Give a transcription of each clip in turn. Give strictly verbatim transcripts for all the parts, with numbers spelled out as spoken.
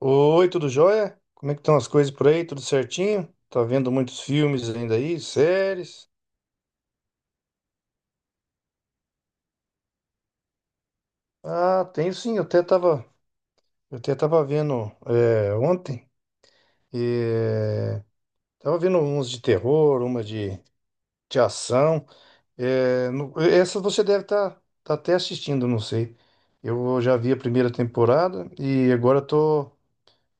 Oi, tudo jóia? Como é que estão as coisas por aí? Tudo certinho? Tá vendo muitos filmes ainda aí, séries? Ah, tenho sim, eu até tava, eu até tava vendo é, ontem. é, Tava vendo uns de terror, uma de, de ação. É, no- essa você deve estar tá, tá até assistindo, não sei. Eu já vi a primeira temporada e agora tô.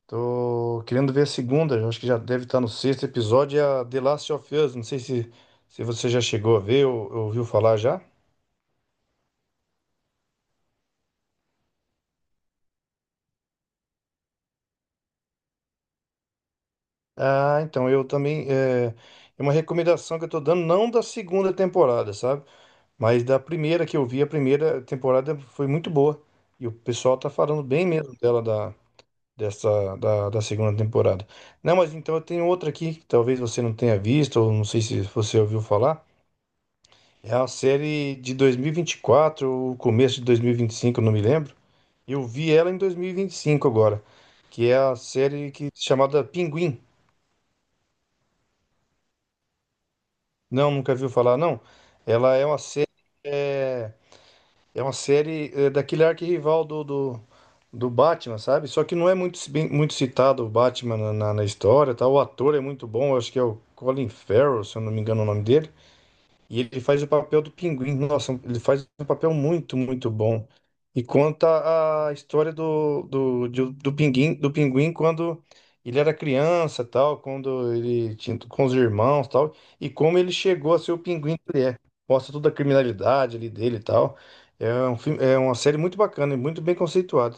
Tô querendo ver a segunda, eu acho que já deve estar no sexto episódio, é a The Last of Us. Não sei se, Se você já chegou a ver ou, ou ouviu falar já. Ah, então eu também. É, é uma recomendação que eu tô dando, não da segunda temporada, sabe? Mas da primeira que eu vi, a primeira temporada foi muito boa. E o pessoal tá falando bem mesmo dela, da, dessa, da, da segunda temporada. Não, mas então eu tenho outra aqui, que talvez você não tenha visto, ou não sei se você ouviu falar. É a série de dois mil e vinte e quatro, o começo de dois mil e vinte e cinco, eu não me lembro. Eu vi ela em dois mil e vinte e cinco agora, que é a série que chamada Pinguim. Não, nunca viu falar, não. Ela é uma série, é, É uma série é, daquele arquirrival do, do, do Batman, sabe? Só que não é muito, bem- muito citado o Batman na, na, na história, tá? O ator é muito bom, eu acho que é o Colin Farrell, se eu não me engano o nome dele. E ele faz o papel do pinguim. Nossa, ele faz um papel muito, muito bom. E conta a história do, do, de- do, pinguim, do pinguim quando ele era criança, tal, quando ele tinha com os irmãos, tal, e como ele chegou a ser o pinguim que ele é. Mostra toda a criminalidade ali dele e tal. É um filme, é uma série muito bacana e muito bem conceituada.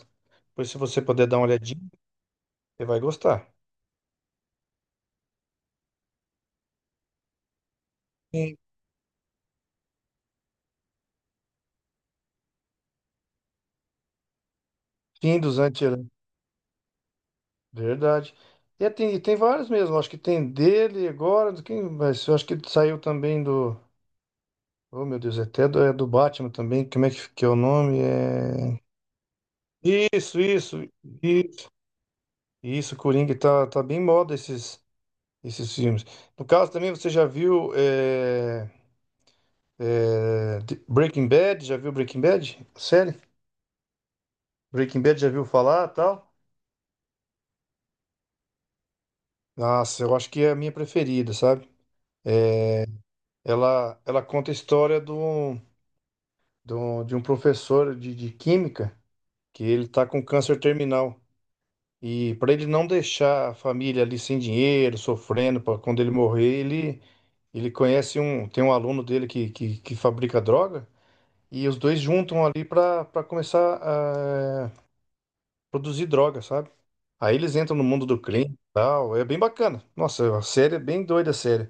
Pois se você puder dar uma olhadinha, você vai gostar. Sim. Fim dos Antes. Verdade. E tem, e tem vários mesmo, acho que tem dele agora, do quem, mas eu acho que saiu também do. Oh, meu Deus, é até do, é do Batman também. Como é que, que é o nome? É... Isso, isso, isso, isso, Coringa, tá, tá bem em moda esses, esses filmes. No caso também, você já viu é, é, The- Breaking Bad? Já viu Breaking Bad? Série? Breaking Bad já viu falar tal? Nossa, eu acho que é a minha preferida, sabe? Ela, ela conta a história do de um, de um professor de, de química que ele tá com câncer terminal. E para ele não deixar a família ali sem dinheiro, sofrendo, para quando ele morrer, ele, ele conhece um, tem um aluno dele que, que, que fabrica droga e os dois juntam ali para para começar a eh, produzir droga, sabe? Aí eles entram no mundo do crime e tal, é bem bacana. Nossa, a série é bem doida, a série.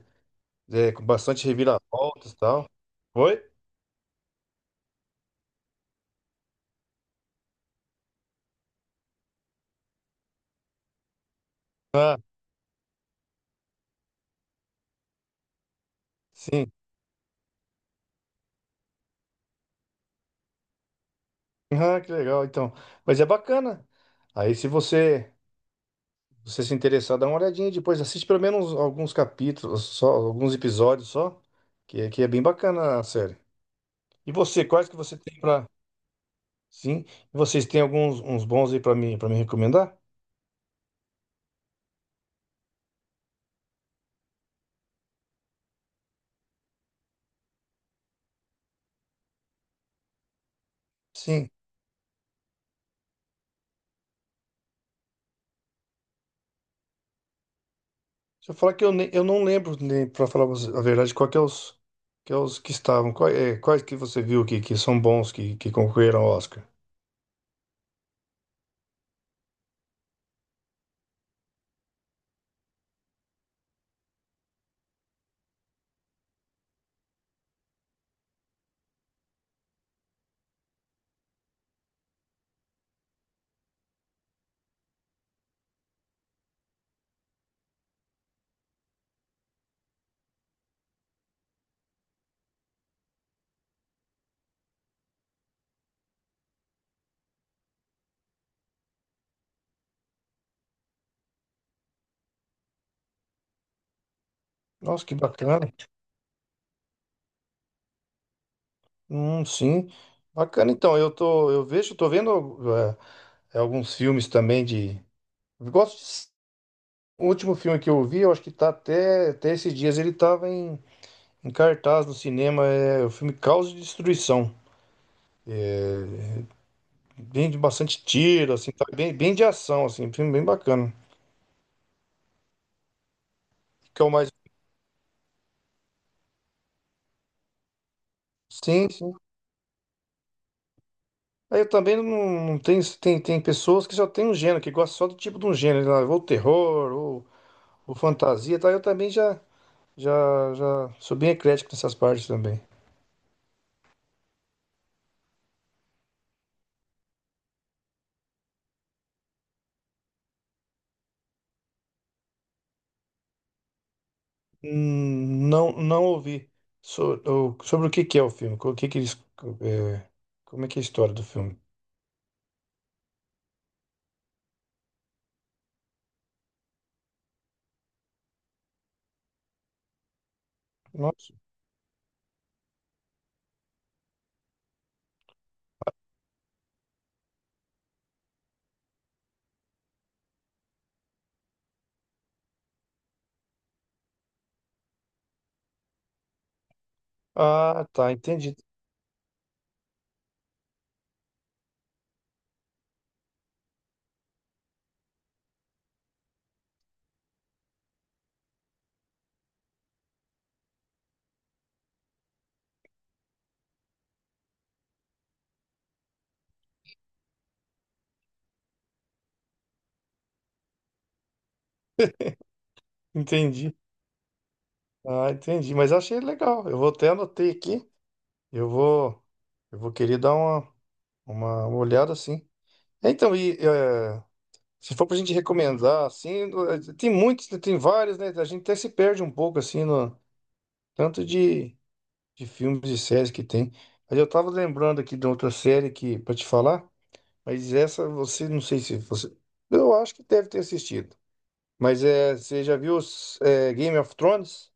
É, com bastante reviravoltas e tal. Oi? Ah, sim. Ah, que legal, então. Mas é bacana. Aí, se você, Você se interessar, dá uma olhadinha depois. Assiste pelo menos alguns capítulos, só alguns episódios só, que, é, que é bem bacana a série. E você, quais que você tem pra. Sim, vocês têm alguns uns bons aí pra mim, para me recomendar? Sim. Deixa eu falar que eu, nem- eu não lembro, nem, para falar você a verdade, qual que é os que, é os que estavam, quais, é, quais que você viu que, que são bons, que, que concorreram ao Oscar. Nossa, que bacana. Hum, sim. Bacana, então, eu tô, eu vejo, tô vendo é é, alguns filmes também de. Eu gosto de... O último filme que eu vi, eu acho que tá até, até esses dias, ele tava em, em cartaz no cinema, é o filme Caos e Destruição. Bem de bastante tiro, assim, tá bem, bem de ação, assim, um filme bem bacana. Que é o mais. Sim, sim. Aí eu também não, não tem, tem, Tem pessoas que só tem um gênero, que gostam só do tipo de um gênero, lá, ou terror, ou, ou fantasia, tá? Eu também já. Já, já sou bem eclético nessas partes também. Hum, Não, não ouvi so- o- sobre o que que é o filme, co- o que que eles, é, como é que é a história do filme. Nossa. Ah, tá, entendi, entendi. Ah, entendi, mas achei legal. Eu vou até anotei aqui. Eu vou, eu vou querer dar uma, uma, uma olhada assim. Então, e é, Se for pra gente recomendar, assim, no- tem muitos, tem vários, né? A gente até se perde um pouco assim no tanto de de filmes e séries que tem. Mas eu tava lembrando aqui de outra série que para te falar, mas essa você não sei se você, eu acho que deve ter assistido. Mas é, você já viu os, é, Game of Thrones?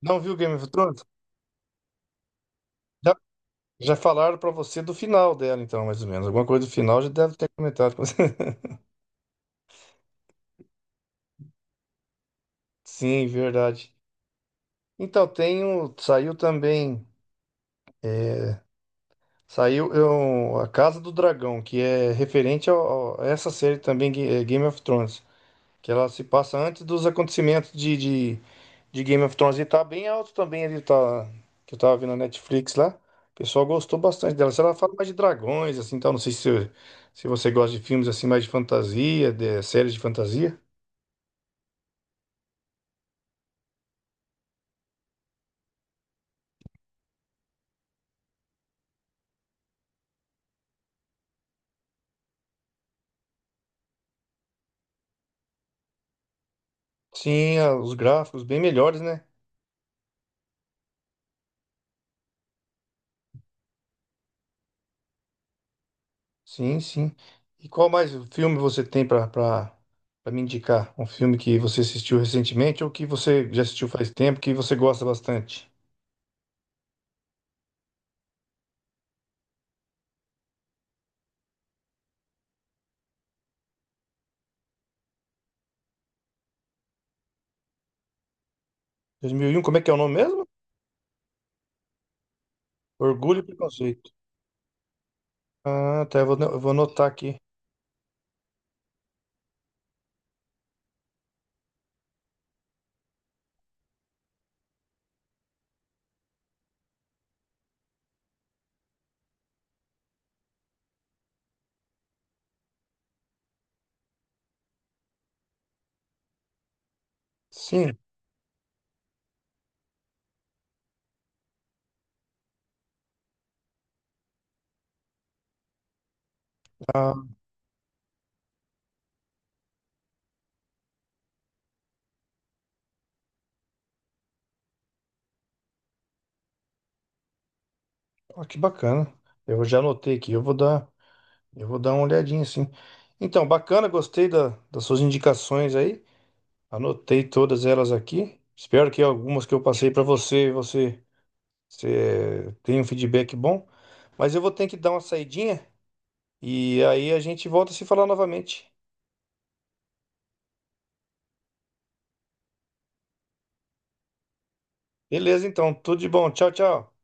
Não viu Game of Thrones? Já, Já falaram pra você do final dela, então, mais ou menos. Alguma coisa do final já deve ter comentado com você. Sim, verdade. Então, tem o, saiu também, saiu eu, A Casa do Dragão, que é referente ao- ao- a essa série também, Ga- é, Game of Thrones. Que ela se passa antes dos acontecimentos de, de, de Game of Thrones. E tá bem alto também ali, tá, que eu tava vendo na Netflix lá. O pessoal gostou bastante dela. Se ela fala mais de dragões, assim, tal. Não sei se, Se você gosta de filmes assim, mais de fantasia, de séries de fantasia. Sim, a- os gráficos bem melhores, né? Sim, sim. E qual mais filme você tem pra, para pra me indicar? Um filme que você assistiu recentemente ou que você já assistiu faz tempo, que você gosta bastante? Dois mil e um. Como é que é o nome mesmo? Orgulho e Preconceito. Ah, tá. Eu vou, eu vou anotar aqui. Sim. Tá. Ah, ó, que bacana. Eu já anotei aqui. Eu vou dar, eu vou dar uma olhadinha, sim. Então, bacana. Gostei da, das suas indicações aí. Anotei todas elas aqui. Espero que algumas que eu passei para você, você, você tenha um feedback bom. Mas eu vou ter que dar uma saidinha e aí a gente volta a se falar novamente. Beleza, então. Tudo de bom. Tchau, tchau.